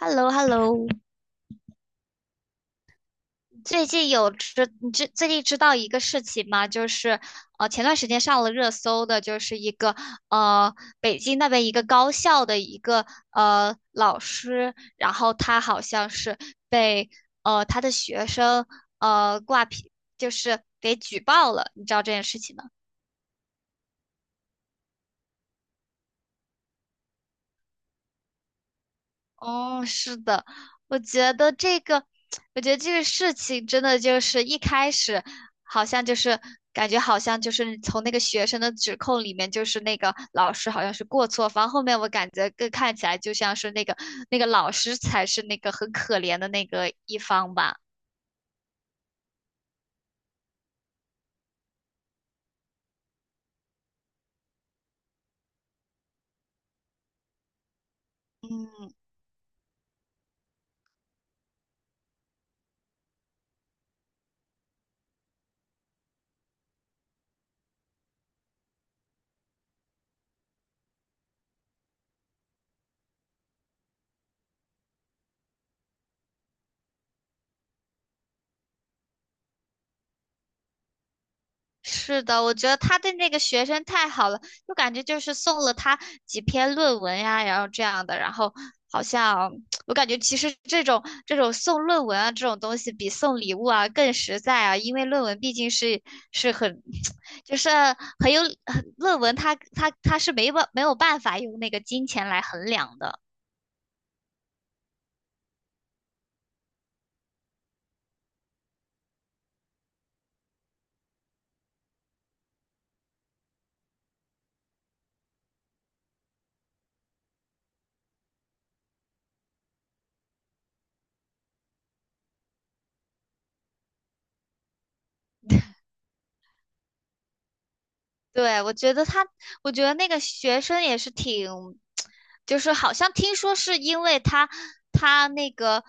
h e l l o h e l l o 最近有知你知最近知道一个事情吗？就是前段时间上了热搜的，就是一个呃北京那边一个高校的一个老师，然后他好像是被他的学生挂皮，就是给举报了，你知道这件事情吗？哦，是的，我觉得这个，我觉得这个事情真的就是一开始，好像就是感觉好像就是从那个学生的指控里面，就是那个老师好像是过错方，后面我感觉更看起来就像是那个老师才是那个很可怜的那个一方吧。嗯，是的，我觉得他对那个学生太好了，就感觉就是送了他几篇论文呀，然后这样的，然后好像 我感觉其实这种送论文啊这种东西比送礼物啊更实在啊，因为论文毕竟是很 就是很有很论文它没有办法用那个金钱来衡量的。对，我觉得那个学生也是挺，就是好像听说是因为他那个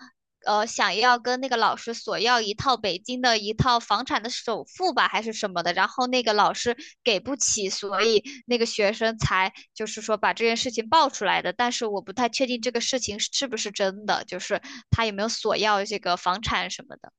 呃想要跟那个老师索要一套北京的房产的首付吧，还是什么的，然后那个老师给不起，所以那个学生才就是说把这件事情爆出来的。但是我不太确定这个事情是不是真的，就是他有没有索要这个房产什么的。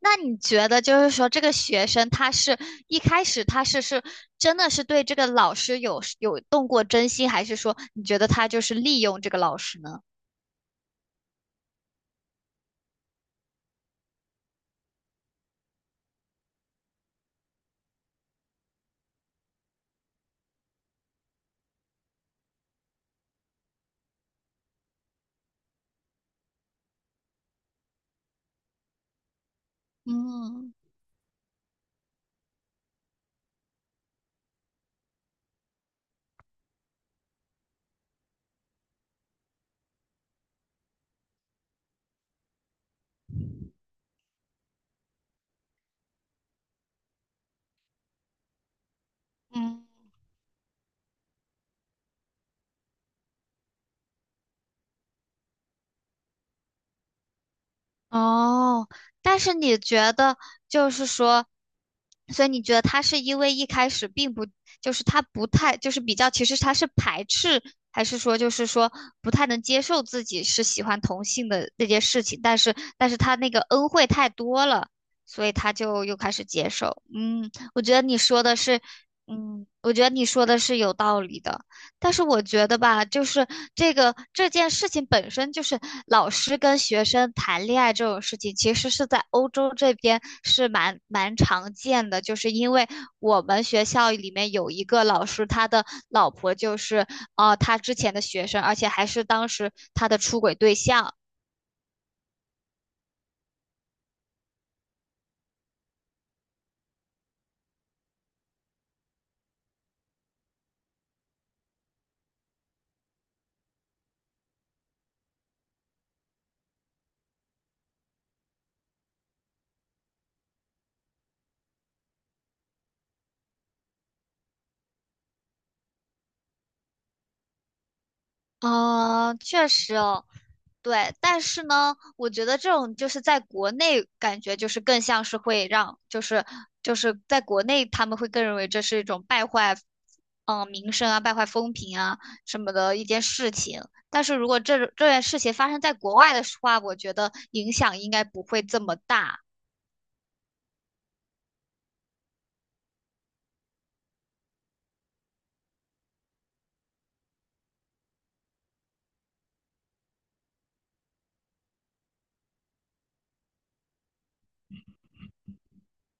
那你觉得就是说，这个学生他是一开始他真的是对这个老师有动过真心，还是说你觉得他就是利用这个老师呢？嗯。嗯，哦，但是你觉得就是说，所以你觉得他是因为一开始并不，就是他不太，就是比较，其实他是排斥，还是说就是说不太能接受自己是喜欢同性的这件事情，但是他那个恩惠太多了，所以他就又开始接受。嗯，我觉得你说的是，嗯，我觉得你说的是有道理的。但是我觉得吧，就是这件事情本身就是老师跟学生谈恋爱这种事情，其实是在欧洲这边是蛮常见的。就是因为我们学校里面有一个老师，他的老婆就是他之前的学生，而且还是当时他的出轨对象。嗯，确实哦，对，但是呢，我觉得这种就是在国内感觉就是更像是会让，就是在国内他们会更认为这是一种败坏，嗯、名声啊，败坏风评啊什么的一件事情。但是如果这件事情发生在国外的话，我觉得影响应该不会这么大。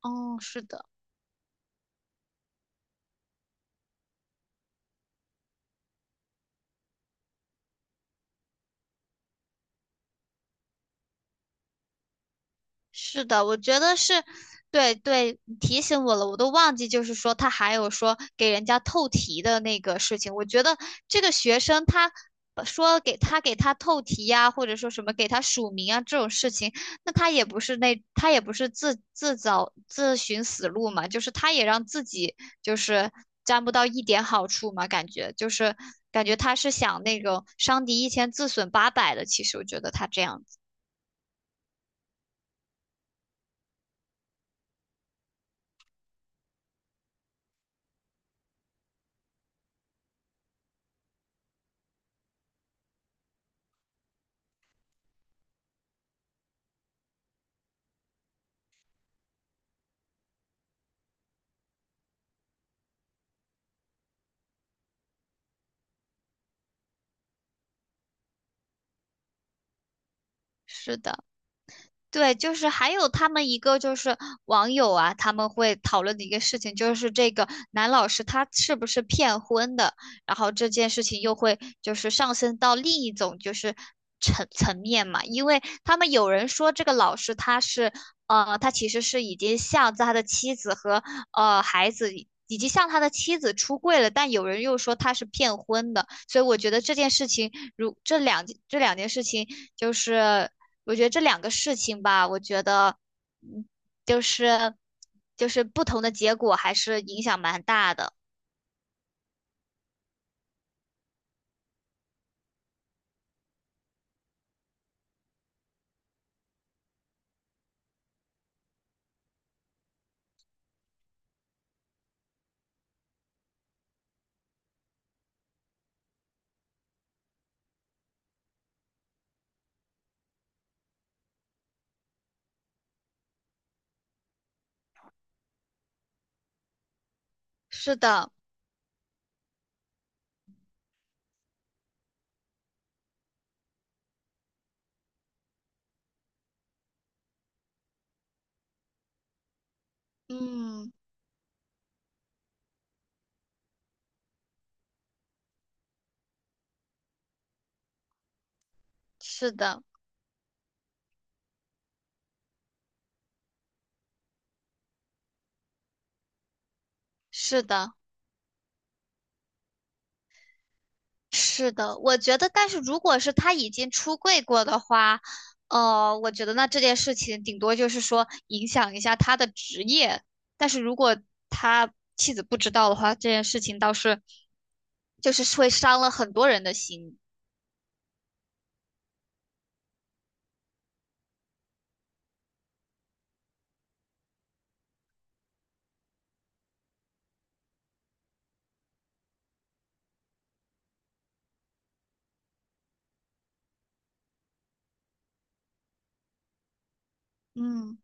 哦，是的。是的，我觉得是，对对，你提醒我了，我都忘记，就是说他还有说给人家透题的那个事情。我觉得这个学生他说给他透题呀、或者说什么给他署名啊这种事情，那他也不是自寻死路嘛，就是他也让自己就是沾不到一点好处嘛，感觉就是感觉他是想那种伤敌一千自损八百的，其实我觉得他这样子，是的。对，就是还有他们一个就是网友啊，他们会讨论的一个事情，就是这个男老师他是不是骗婚的，然后这件事情又会就是上升到另一种，就是层面嘛，因为他们有人说这个老师他是，他其实是已经向他的妻子和孩子及向他的妻子出柜了，但有人又说他是骗婚的，所以我觉得这件事情，如这两这两件事情，就是我觉得这两个事情吧，我觉得，嗯，就是就是不同的结果还是影响蛮大的。是的，嗯，是的，是的。是的，我觉得，但是如果是他已经出柜过的话，我觉得那这件事情顶多就是说影响一下他的职业，但是如果他妻子不知道的话，这件事情倒是就是会伤了很多人的心。嗯，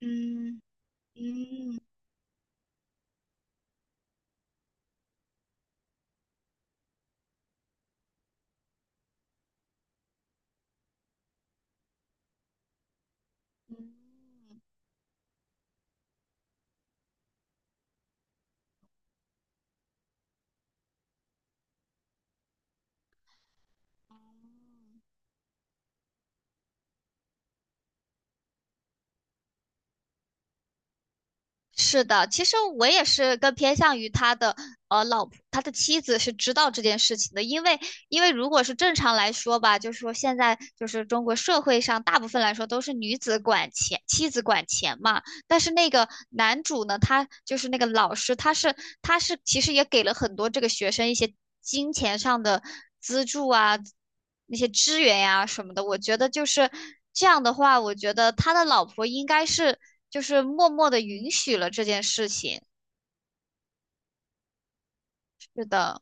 嗯，嗯，嗯。是的，其实我也是更偏向于他的老婆，他的妻子是知道这件事情的，因为如果是正常来说吧，就是说现在就是中国社会上大部分来说都是女子管钱，妻子管钱嘛。但是那个男主呢，他就是那个老师，他是其实也给了很多这个学生一些金钱上的资助啊，那些支援呀、什么的。我觉得就是这样的话，我觉得他的老婆应该是就是默默的允许了这件事情。是的。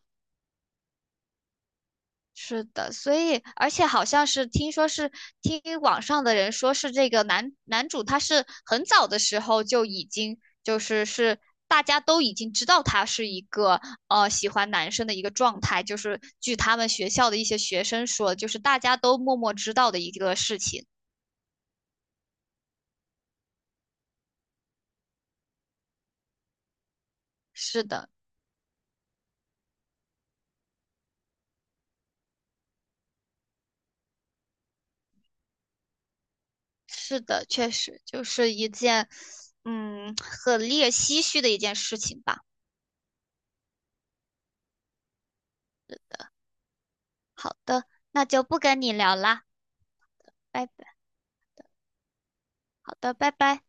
是的，所以而且好像是听说是听网上的人说是这个男主他是很早的时候就已经就是是大家都已经知道他是一个喜欢男生的一个状态，就是据他们学校的一些学生说，就是大家都默默知道的一个事情。是的，是的，确实就是一件很令人唏嘘的一件事情吧。好的，那就不跟你聊啦，拜拜。好的，拜拜。